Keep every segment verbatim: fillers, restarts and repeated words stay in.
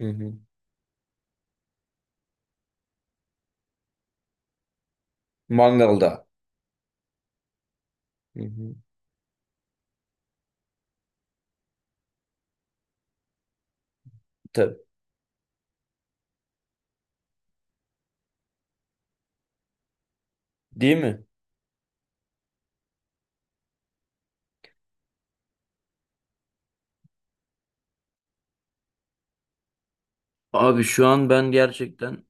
Hı hı. Mangalda. Hı hı. Tabii. Değil mi? Abi şu an ben gerçekten.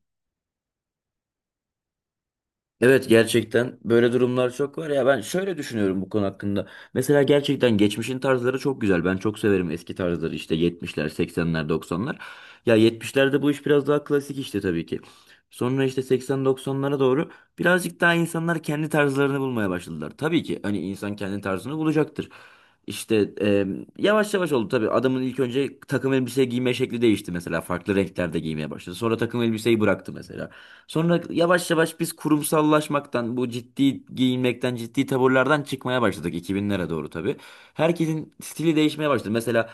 Evet, gerçekten böyle durumlar çok var ya, ben şöyle düşünüyorum bu konu hakkında. Mesela gerçekten geçmişin tarzları çok güzel. Ben çok severim eski tarzları işte yetmişler, seksenler, doksanlar. Ya yetmişlerde bu iş biraz daha klasik işte tabii ki. Sonra işte seksen doksanlara doğru birazcık daha insanlar kendi tarzlarını bulmaya başladılar. Tabii ki hani insan kendi tarzını bulacaktır. İşte, e, yavaş yavaş oldu tabii. Adamın ilk önce takım elbise giyme şekli değişti mesela. Farklı renklerde giymeye başladı. Sonra takım elbiseyi bıraktı mesela. Sonra yavaş yavaş biz kurumsallaşmaktan, bu ciddi giyinmekten, ciddi taburlardan çıkmaya başladık iki binlere doğru tabii. Herkesin stili değişmeye başladı. Mesela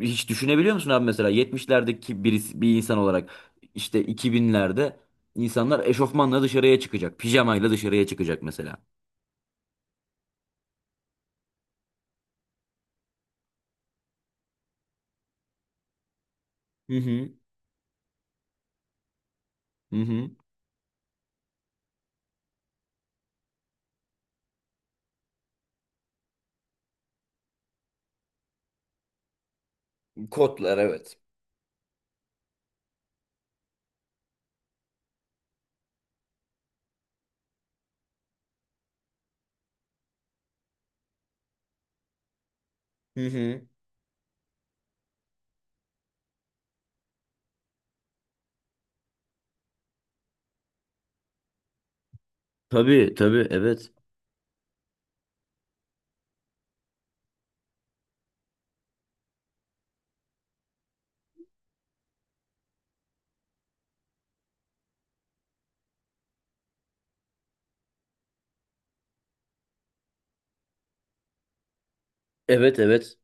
hiç düşünebiliyor musun abi, mesela yetmişlerdeki birisi, bir insan olarak işte iki binlerde insanlar eşofmanla dışarıya çıkacak, pijamayla dışarıya çıkacak mesela. Hı hı. Hı hı. Kodlar, evet. Hı hı. Tabii, tabii, evet. Evet, evet.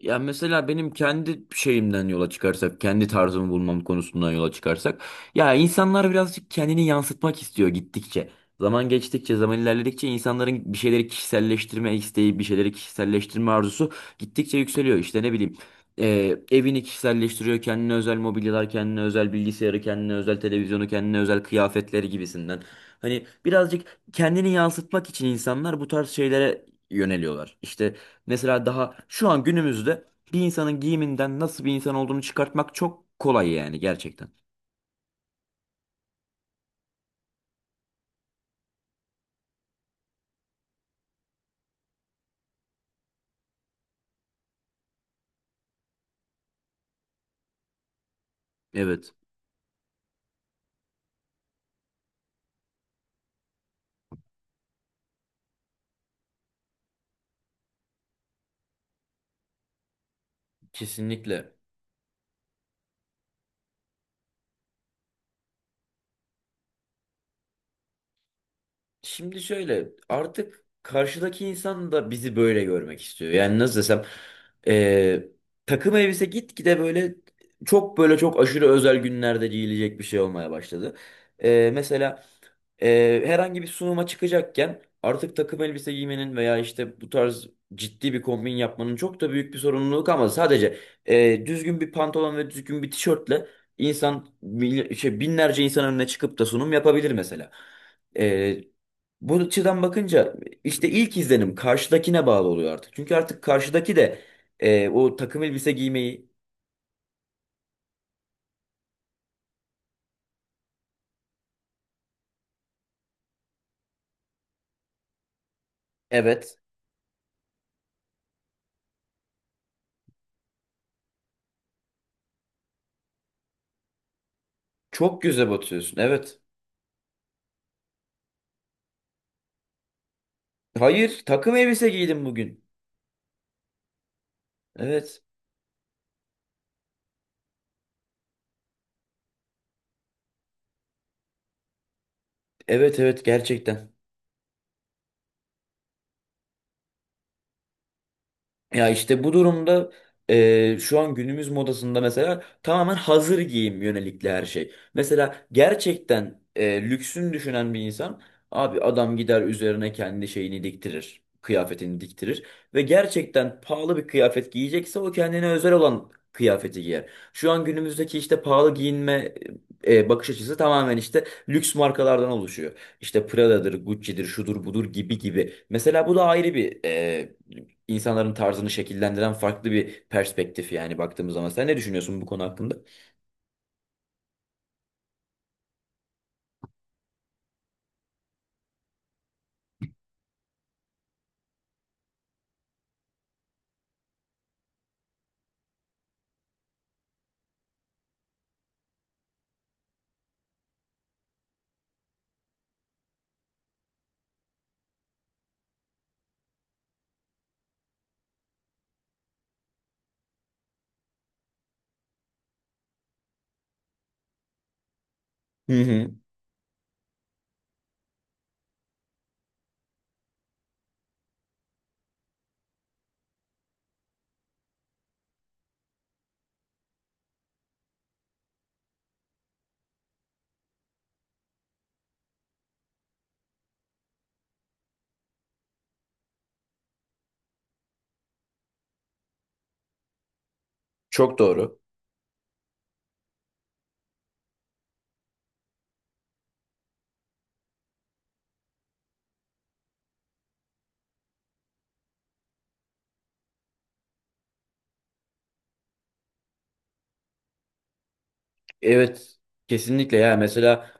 Ya mesela benim kendi şeyimden yola çıkarsak, kendi tarzımı bulmam konusundan yola çıkarsak, ya insanlar birazcık kendini yansıtmak istiyor gittikçe. Zaman geçtikçe, zaman ilerledikçe insanların bir şeyleri kişiselleştirme isteği, bir şeyleri kişiselleştirme arzusu gittikçe yükseliyor. İşte ne bileyim, e, evini kişiselleştiriyor, kendine özel mobilyalar, kendine özel bilgisayarı, kendine özel televizyonu, kendine özel kıyafetleri gibisinden. Hani birazcık kendini yansıtmak için insanlar bu tarz şeylere yöneliyorlar. İşte mesela daha şu an günümüzde bir insanın giyiminden nasıl bir insan olduğunu çıkartmak çok kolay, yani gerçekten. Evet. Kesinlikle. Şimdi şöyle, artık karşıdaki insan da bizi böyle görmek istiyor. Yani nasıl desem, eee, takım elbise gitgide böyle çok, böyle çok aşırı özel günlerde giyilecek bir şey olmaya başladı. Eee, mesela eee, herhangi bir sunuma çıkacakken artık takım elbise giymenin veya işte bu tarz ciddi bir kombin yapmanın çok da büyük bir sorumluluk, ama sadece eee, düzgün bir pantolon ve düzgün bir tişörtle insan mil- şey, binlerce insan önüne çıkıp da sunum yapabilir mesela. Bu açıdan bakınca işte ilk izlenim karşıdakine bağlı oluyor artık. Çünkü artık karşıdaki de e, o takım elbise giymeyi. Evet. Çok göze batıyorsun. Evet. Hayır, takım elbise giydim bugün. Evet. Evet, evet, gerçekten. Ya işte bu durumda eee, şu an günümüz modasında mesela tamamen hazır giyim yönelikli her şey. Mesela gerçekten eee, lüksün düşünen bir insan, abi adam gider üzerine kendi şeyini diktirir. Kıyafetini diktirir ve gerçekten pahalı bir kıyafet giyecekse o kendine özel olan kıyafeti giyer. Şu an günümüzdeki işte pahalı giyinme eee, bakış açısı tamamen işte lüks markalardan oluşuyor. İşte Prada'dır, Gucci'dir, şudur budur gibi gibi. Mesela bu da ayrı bir eee insanların tarzını şekillendiren farklı bir perspektif, yani baktığımız zaman. Sen ne düşünüyorsun bu konu hakkında? Hı hı. Çok doğru. Evet, kesinlikle, ya mesela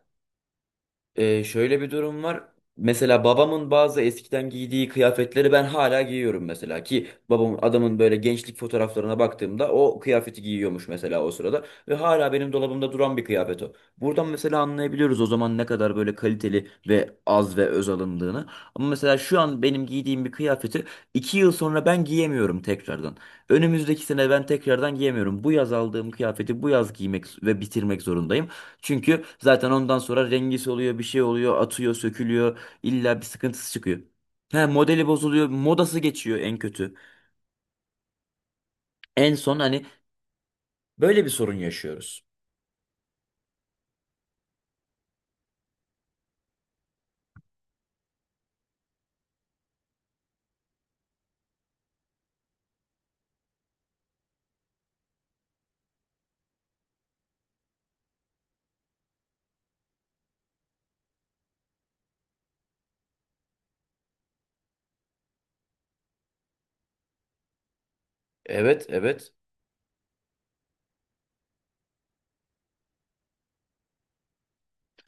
Ee, şöyle bir durum var. Mesela babamın bazı eskiden giydiği kıyafetleri ben hala giyiyorum mesela, ki babamın, adamın böyle gençlik fotoğraflarına baktığımda o kıyafeti giyiyormuş mesela o sırada ve hala benim dolabımda duran bir kıyafet o. Buradan mesela anlayabiliyoruz o zaman ne kadar böyle kaliteli ve az ve öz alındığını. Ama mesela şu an benim giydiğim bir kıyafeti iki yıl sonra ben giyemiyorum tekrardan. Önümüzdeki sene ben tekrardan giyemiyorum. Bu yaz aldığım kıyafeti bu yaz giymek ve bitirmek zorundayım. Çünkü zaten ondan sonra rengi soluyor, bir şey oluyor, atıyor, sökülüyor. İlla bir sıkıntısı çıkıyor. He, modeli bozuluyor, modası geçiyor en kötü. En son hani böyle bir sorun yaşıyoruz. Evet, evet.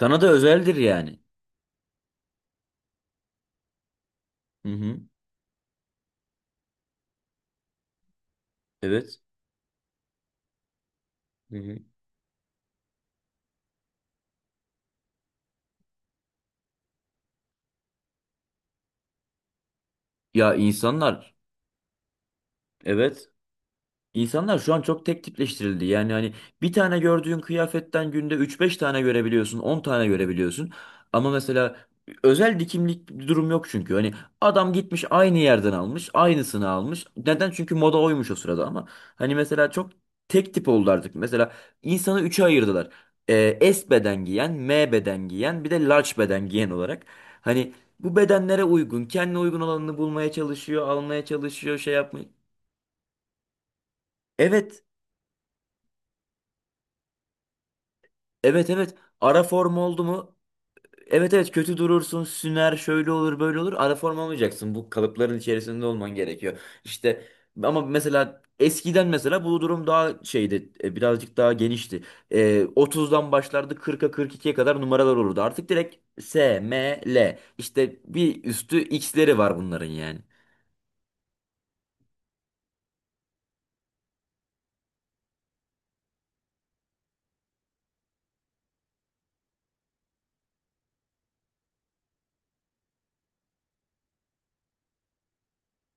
Sana da özeldir yani. Hı hı. Evet. Hı hı. Ya insanlar, evet. İnsanlar şu an çok tek tipleştirildi. Yani hani bir tane gördüğün kıyafetten günde üç beş tane görebiliyorsun, on tane görebiliyorsun. Ama mesela özel dikimlik bir durum yok çünkü. Hani adam gitmiş aynı yerden almış, aynısını almış. Neden? Çünkü moda oymuş o sırada ama. Hani mesela çok tek tip oldu artık. Mesela insanı üçe ayırdılar. Ee, S beden giyen, M beden giyen, bir de large beden giyen olarak. Hani bu bedenlere uygun, kendine uygun olanını bulmaya çalışıyor, almaya çalışıyor, şey yapmaya. Evet. Evet, evet, ara form oldu mu? Evet, evet, kötü durursun, süner, şöyle olur, böyle olur, ara form olmayacaksın, bu kalıpların içerisinde olman gerekiyor. İşte ama mesela eskiden mesela bu durum daha şeydi, e, birazcık daha genişti. E, otuzdan başlardı, kırka kırk ikiye kadar numaralar olurdu, artık direkt S, M, L işte bir üstü X'leri var bunların yani.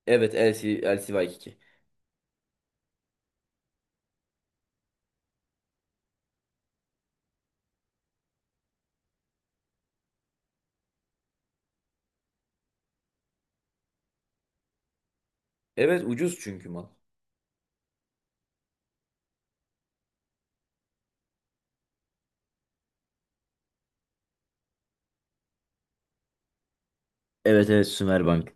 Evet L C, L C Y iki. Evet, ucuz çünkü mal. Evet, evet, Sümerbank.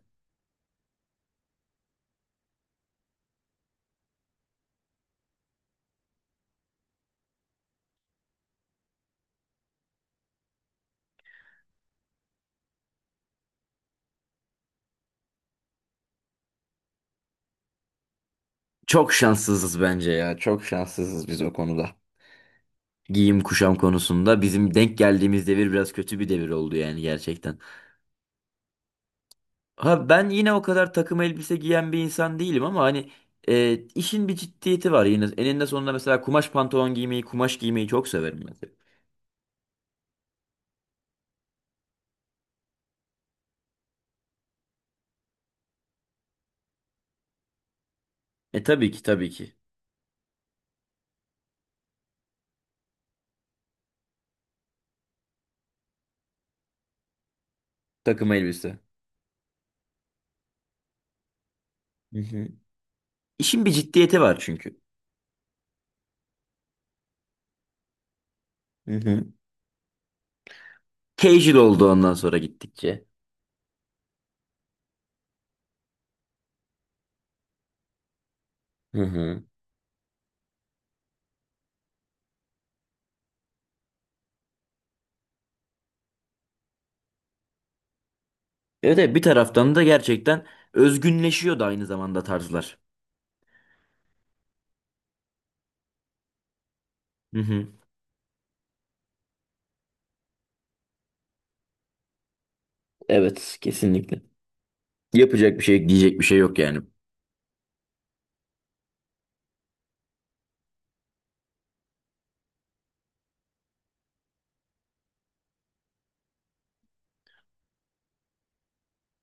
Çok şanssızız bence ya, çok şanssızız biz o konuda. Giyim kuşam konusunda bizim denk geldiğimiz devir biraz kötü bir devir oldu, yani gerçekten. Ha ben yine o kadar takım elbise giyen bir insan değilim, ama hani e, işin bir ciddiyeti var yine. Eninde sonunda mesela kumaş pantolon giymeyi, kumaş giymeyi çok severim mesela. E tabii ki, tabii ki, takım elbise. Hı hı. İşin bir ciddiyeti var çünkü. Hı hı. Casual oldu ondan sonra gittikçe. Hı hı. Evet, evet, bir taraftan da gerçekten özgünleşiyor da aynı zamanda tarzlar. Hı hı. Evet, kesinlikle. Yapacak bir şey, diyecek bir şey yok yani.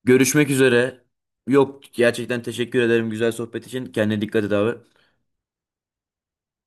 Görüşmek üzere. Yok, gerçekten teşekkür ederim güzel sohbet için. Kendine dikkat et abi.